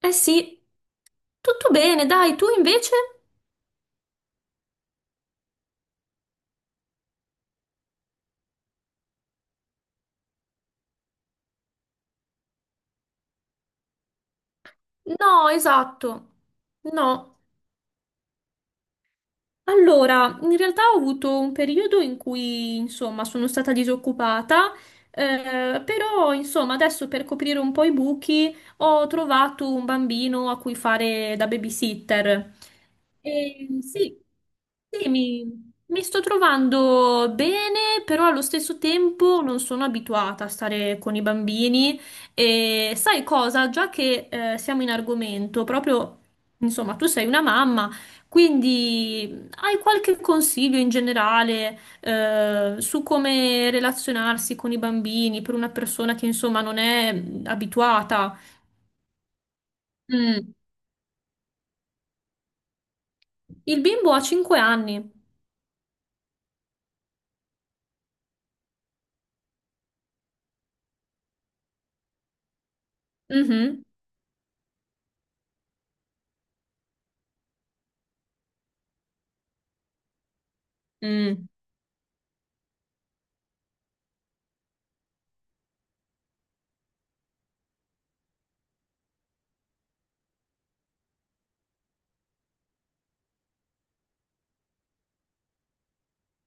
Eh sì, tutto bene, dai, tu invece? No, esatto. No. Allora, in realtà ho avuto un periodo in cui, insomma, sono stata disoccupata, però, insomma, adesso per coprire un po' i buchi ho trovato un bambino a cui fare da babysitter. E, sì, sì, mi sto trovando bene, però allo stesso tempo non sono abituata a stare con i bambini. E sai cosa? Già che siamo in argomento, proprio, insomma, tu sei una mamma. Quindi hai qualche consiglio in generale, su come relazionarsi con i bambini per una persona che insomma non è abituata? Mm. Il bimbo ha 5 anni. Mhm. Mm.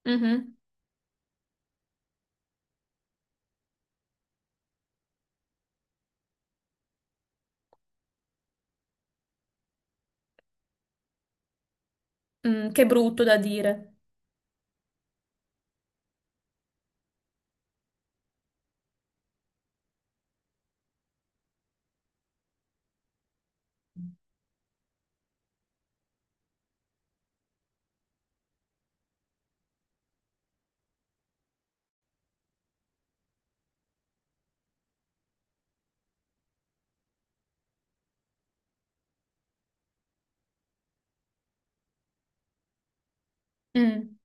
Mhm. Mm. Che brutto da dire. Mm.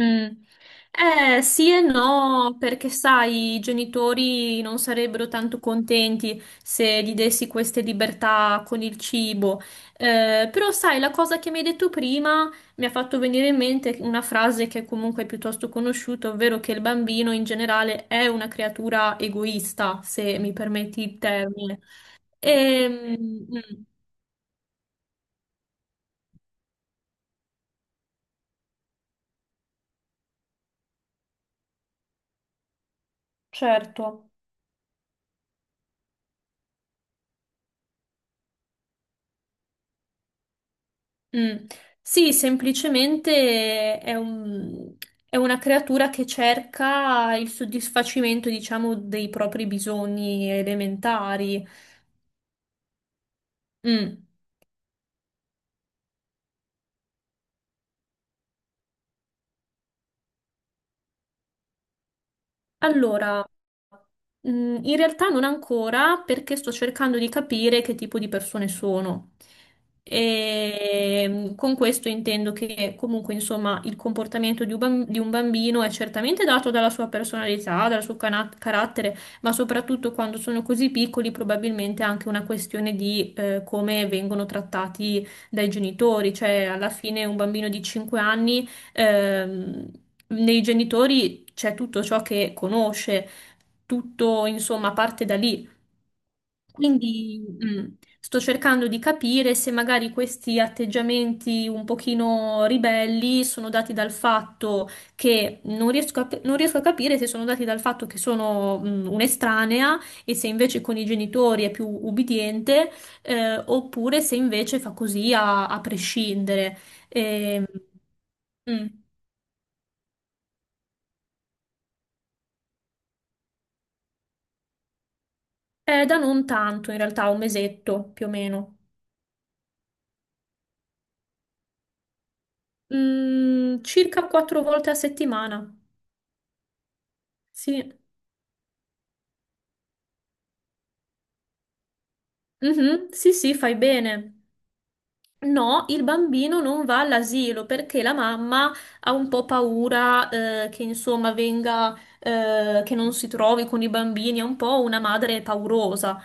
Mm. Sì e no, perché sai, i genitori non sarebbero tanto contenti se gli dessi queste libertà con il cibo. Però sai, la cosa che mi hai detto prima mi ha fatto venire in mente una frase che comunque è piuttosto conosciuta, ovvero che il bambino in generale è una creatura egoista, se mi permetti il termine. Ehm, mm, certo. Mm. Sì, semplicemente è una creatura che cerca il soddisfacimento, diciamo, dei propri bisogni elementari. Mm. Allora, in realtà non ancora perché sto cercando di capire che tipo di persone sono. E con questo intendo che comunque, insomma, il comportamento di di un bambino è certamente dato dalla sua personalità, dal suo carattere, ma soprattutto quando sono così piccoli, probabilmente è anche una questione di come vengono trattati dai genitori. Cioè, alla fine un bambino di 5 anni, Ehm, nei genitori c'è tutto ciò che conosce, tutto insomma parte da lì. Quindi sto cercando di capire se magari questi atteggiamenti un pochino ribelli sono dati dal fatto che non riesco a capire se sono dati dal fatto che sono un'estranea e se invece con i genitori è più ubbidiente, oppure se invece fa così a prescindere. Ehm, mm. Da non tanto, in realtà, un mesetto più o meno. Circa quattro volte a settimana. Sì. Mhm, sì, sì, fai bene. No, il bambino non va all'asilo perché la mamma ha un po' paura, che insomma venga, che non si trovi con i bambini, è un po' una madre paurosa.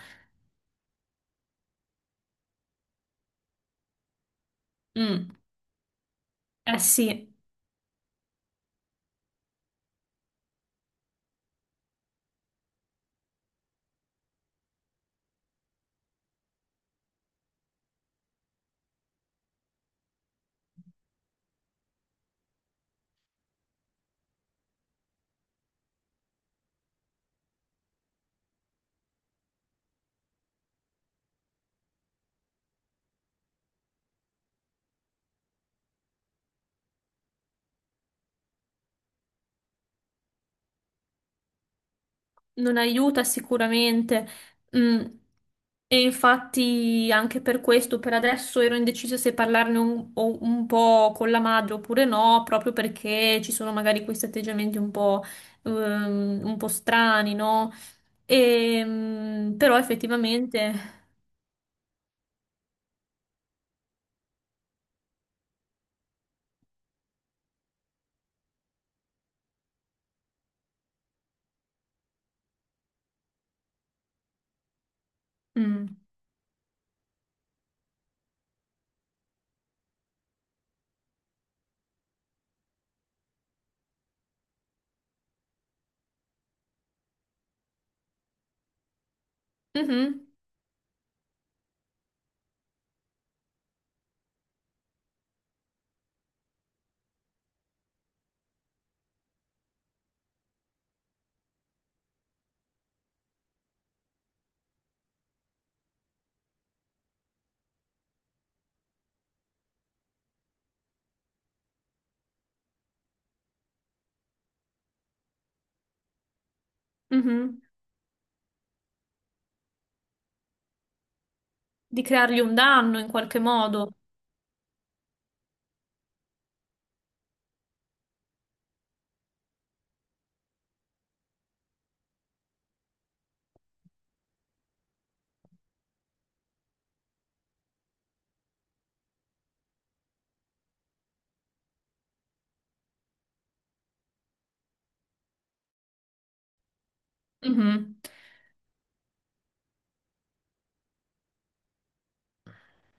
Mm, eh sì. Non aiuta sicuramente. Mm, E infatti anche per questo, per adesso ero indecisa se parlarne un po' con la madre oppure no, proprio perché ci sono magari questi atteggiamenti un po' strani, no? Però effettivamente, mm, mhm, mhm, di creargli un danno in qualche modo. Mhm.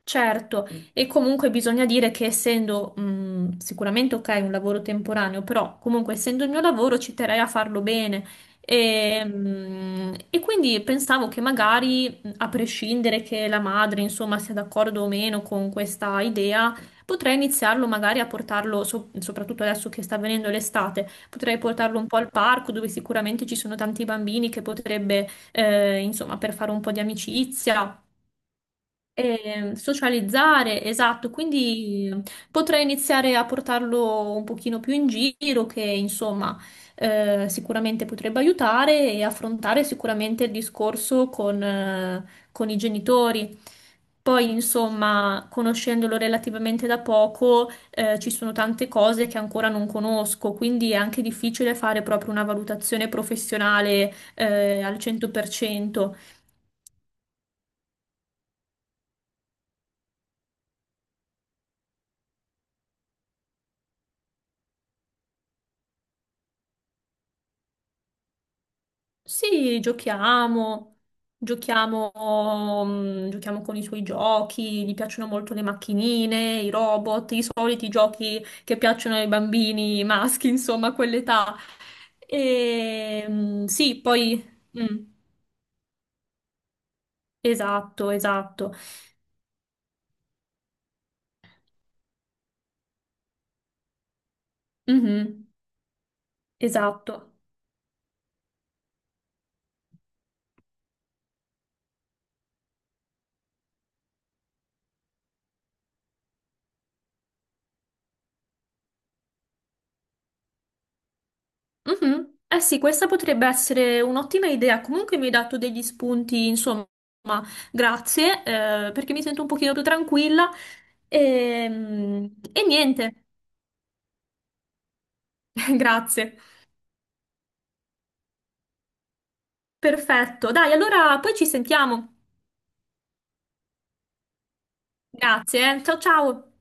Certo, e comunque bisogna dire che essendo sicuramente ok un lavoro temporaneo, però comunque essendo il mio lavoro ci terrei a farlo bene. E quindi pensavo che magari, a prescindere che la madre, insomma, sia d'accordo o meno con questa idea, potrei iniziarlo magari a portarlo, soprattutto adesso che sta avvenendo l'estate, potrei portarlo un po' al parco dove sicuramente ci sono tanti bambini che potrebbe, insomma, per fare un po' di amicizia. E socializzare, esatto, quindi potrei iniziare a portarlo un pochino più in giro, che insomma sicuramente potrebbe aiutare e affrontare sicuramente il discorso con i genitori. Poi, insomma, conoscendolo relativamente da poco, ci sono tante cose che ancora non conosco, quindi è anche difficile fare proprio una valutazione professionale, al 100%. Sì, giochiamo, giochiamo con i suoi giochi, gli piacciono molto le macchinine, i robot, i soliti giochi che piacciono ai bambini maschi, insomma, a quell'età. E, sì, poi... Mm, esatto, esatto. Mhm, esatto. Mhm. Eh sì, questa potrebbe essere un'ottima idea. Comunque mi hai dato degli spunti, insomma, grazie, perché mi sento un pochino più tranquilla. E, niente, grazie. Perfetto. Dai, allora poi ci sentiamo. Grazie, eh. Ciao ciao.